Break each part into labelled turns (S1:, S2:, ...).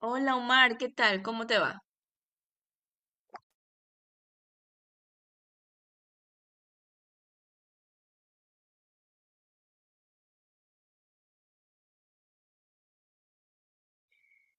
S1: Hola Omar, ¿qué tal? ¿Cómo te va?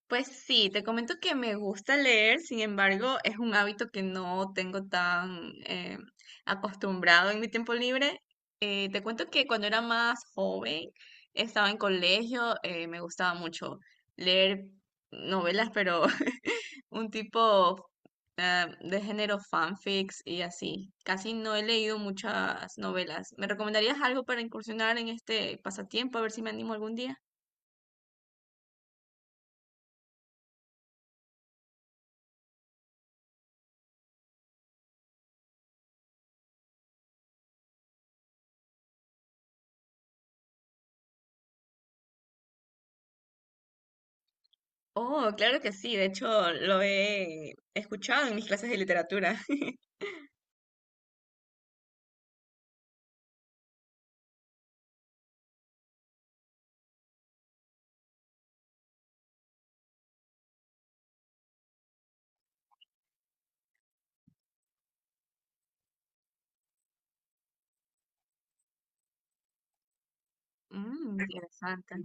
S1: Pues sí, te comento que me gusta leer, sin embargo, es un hábito que no tengo tan acostumbrado en mi tiempo libre. Te cuento que cuando era más joven, estaba en colegio, me gustaba mucho leer novelas, pero un tipo de género fanfics y así. Casi no he leído muchas novelas. ¿Me recomendarías algo para incursionar en este pasatiempo? A ver si me animo algún día. Oh, claro que sí, de hecho lo he escuchado en mis clases de literatura. Mm, interesante.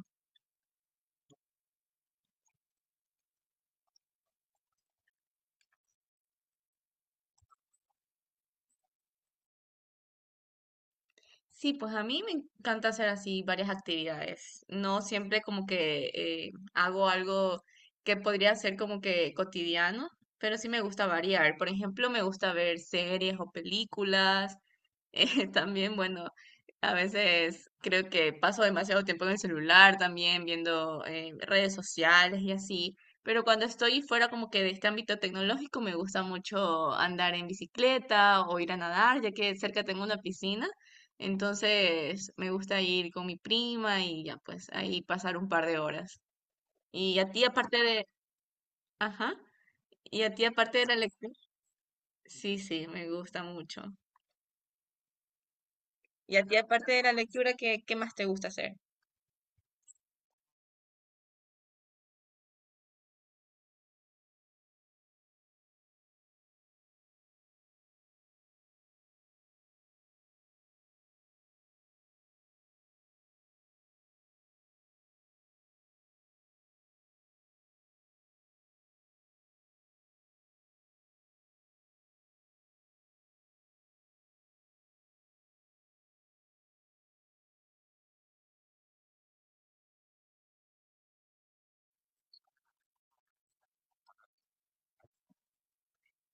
S1: Sí, pues a mí me encanta hacer así varias actividades. No siempre como que hago algo que podría ser como que cotidiano, pero sí me gusta variar. Por ejemplo, me gusta ver series o películas. También, bueno, a veces creo que paso demasiado tiempo en el celular también viendo redes sociales y así. Pero cuando estoy fuera como que de este ámbito tecnológico, me gusta mucho andar en bicicleta o ir a nadar, ya que cerca tengo una piscina. Entonces me gusta ir con mi prima y ya pues ahí pasar un par de horas. Y a ti aparte de, ajá, y a ti aparte de la lectura, sí, sí, me gusta mucho. Y a ti aparte de la lectura, ¿qué, qué más te gusta hacer?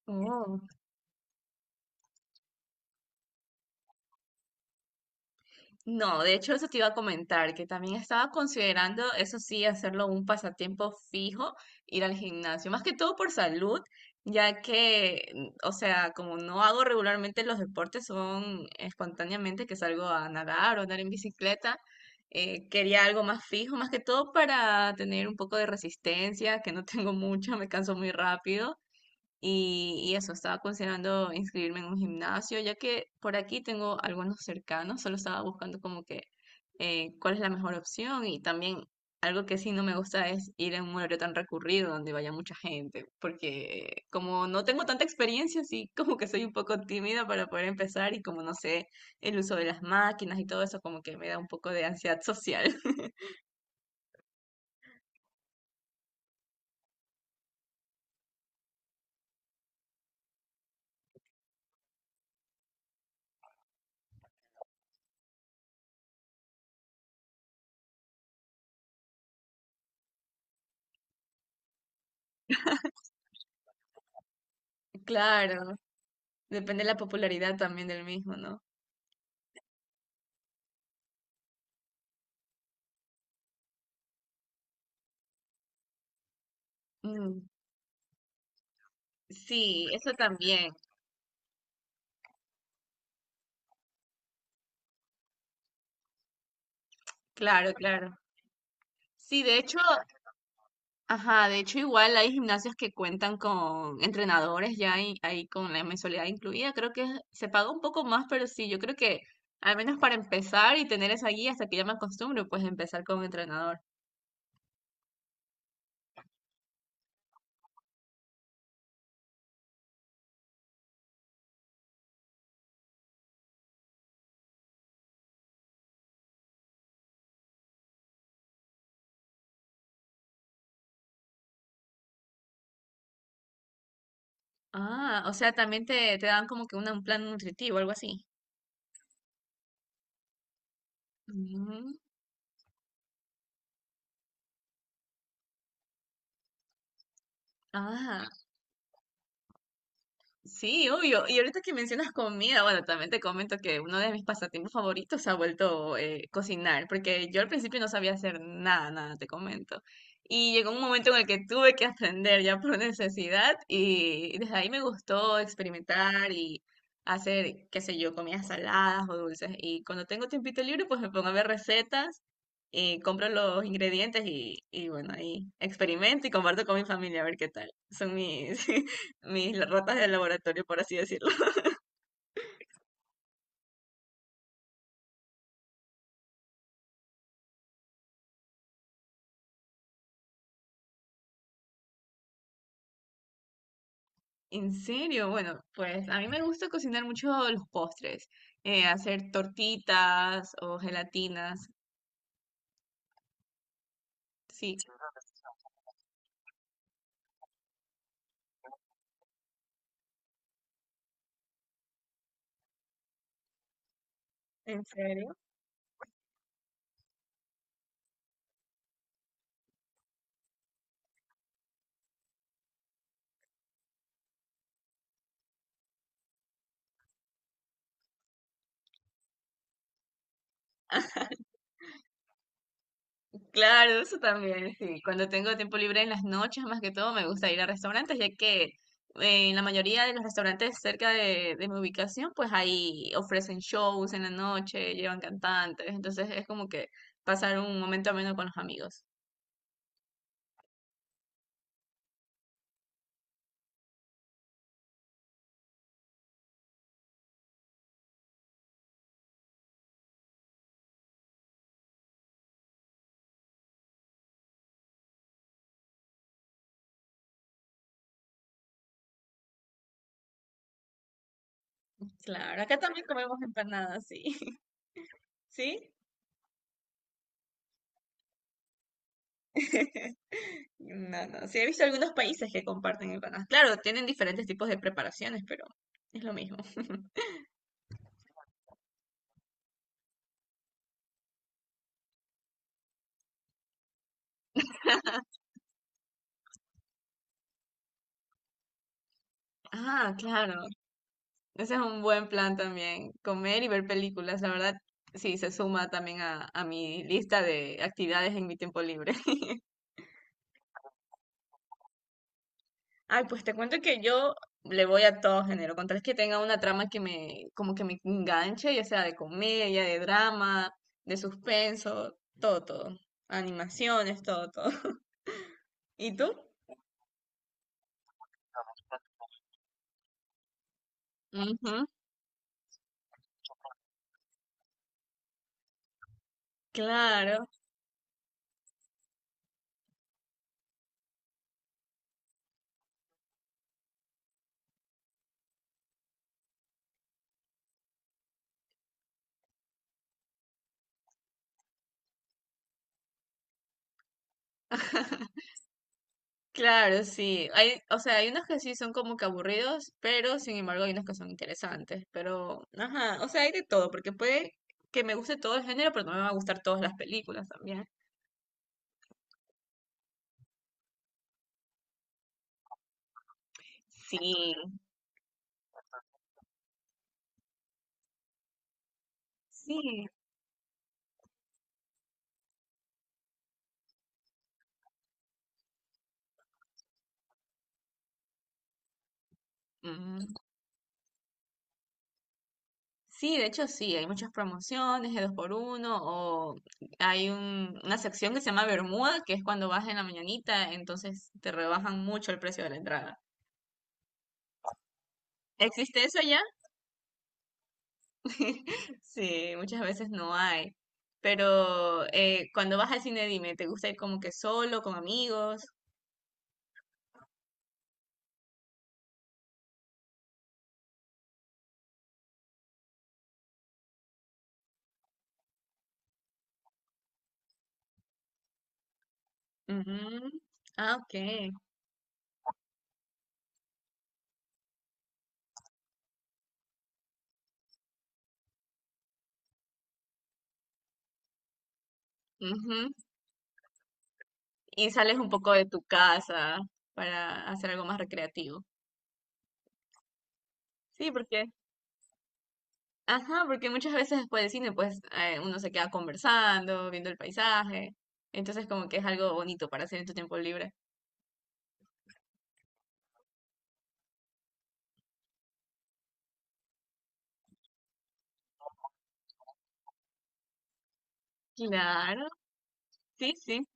S1: Oh. No, de hecho eso te iba a comentar, que también estaba considerando, eso sí, hacerlo un pasatiempo fijo, ir al gimnasio, más que todo por salud, ya que, mm, o sea, como no hago regularmente los deportes, son espontáneamente que salgo a nadar o andar en bicicleta, quería algo más fijo, más que todo para tener un poco de resistencia, que no tengo mucha, me canso muy rápido y eso, estaba considerando inscribirme en un gimnasio, ya que por aquí tengo algunos cercanos, solo estaba buscando como que cuál es la mejor opción y también algo que sí no me gusta es ir en un horario tan recurrido donde vaya mucha gente, porque como no tengo tanta experiencia, sí como que soy un poco tímida para poder empezar y como no sé el uso de las máquinas y todo eso como que me da un poco de ansiedad social. Claro, depende de la popularidad también del mismo, ¿no? Mm, sí, eso también. Claro, claro. Sí, de hecho, ajá, de hecho igual hay gimnasios que cuentan con entrenadores ya ahí, ahí con la mensualidad incluida. Creo que se paga un poco más, pero sí, yo creo que al menos para empezar y tener esa guía hasta que ya me acostumbro, pues empezar con entrenador. Ah, o sea, también te dan como que una- un plan nutritivo, algo así. Mm, ah, sí, obvio. Y ahorita que mencionas comida, bueno, también te comento que uno de mis pasatiempos favoritos se ha vuelto cocinar, porque yo al principio no sabía hacer nada, nada, te comento. Y llegó un momento en el que tuve que aprender ya por necesidad y desde ahí me gustó experimentar y hacer, qué sé yo, comidas saladas o dulces. Y cuando tengo tiempito libre, pues me pongo a ver recetas y compro los ingredientes y bueno, ahí experimento y comparto con mi familia a ver qué tal. Son mis, mis ratas de laboratorio, por así decirlo. En serio, bueno, pues a mí me gusta cocinar mucho los postres, hacer tortitas o gelatinas, sí. ¿En serio? Claro, eso también, sí. Cuando tengo tiempo libre en las noches, más que todo, me gusta ir a restaurantes, ya que en la mayoría de los restaurantes cerca de mi ubicación, pues ahí ofrecen shows en la noche, llevan cantantes, entonces es como que pasar un momento ameno con los amigos. Claro, acá también comemos empanadas, sí. ¿Sí? No, no. Sí, he visto algunos países que comparten empanadas. Claro, tienen diferentes tipos de preparaciones, pero es lo mismo. Ah, claro. Ese es un buen plan también. Comer y ver películas. La verdad, sí, se suma también a mi lista de actividades en mi tiempo libre. Ay, pues te cuento que yo le voy a todo género. Con tal que tenga una trama que me, como que me enganche, ya sea de comedia, de drama, de suspenso, todo, todo. Animaciones, todo, todo. ¿Y tú? Ujú, claro, claro, sí. Hay, o sea, hay unos que sí son como que aburridos, pero sin embargo hay unos que son interesantes. Pero, ajá, o sea, hay de todo, porque puede que me guste todo el género, pero no me va a gustar todas las películas también. Sí, sí. Ujú. Sí, de hecho sí, hay muchas promociones de dos por uno, o hay una sección que se llama Bermuda, que es cuando vas en la mañanita, entonces te rebajan mucho el precio de la entrada. ¿Existe eso? Sí, muchas veces no hay. Pero cuando vas al cine, dime, ¿te gusta ir como que solo, con amigos? Ujú. Ah, ok. Ujú. Y sales un poco de tu casa para hacer algo más recreativo. Sí, porque, ajá, porque muchas veces después del cine, pues uno se queda conversando, viendo el paisaje. Entonces, como que es algo bonito para hacer en tu tiempo libre. Claro, sí, sí.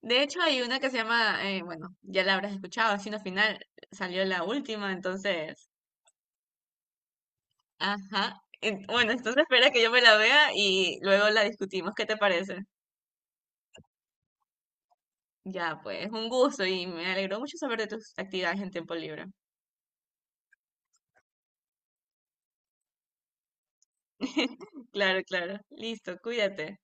S1: De hecho, hay una que se llama, bueno, ya la habrás escuchado, Destino Final, salió la última, entonces, ajá. Bueno, entonces espera que yo me la vea y luego la discutimos, ¿qué te parece? Ya, pues, un gusto y me alegró mucho saber de tus actividades en tiempo libre. Claro, claro. Listo, cuídate.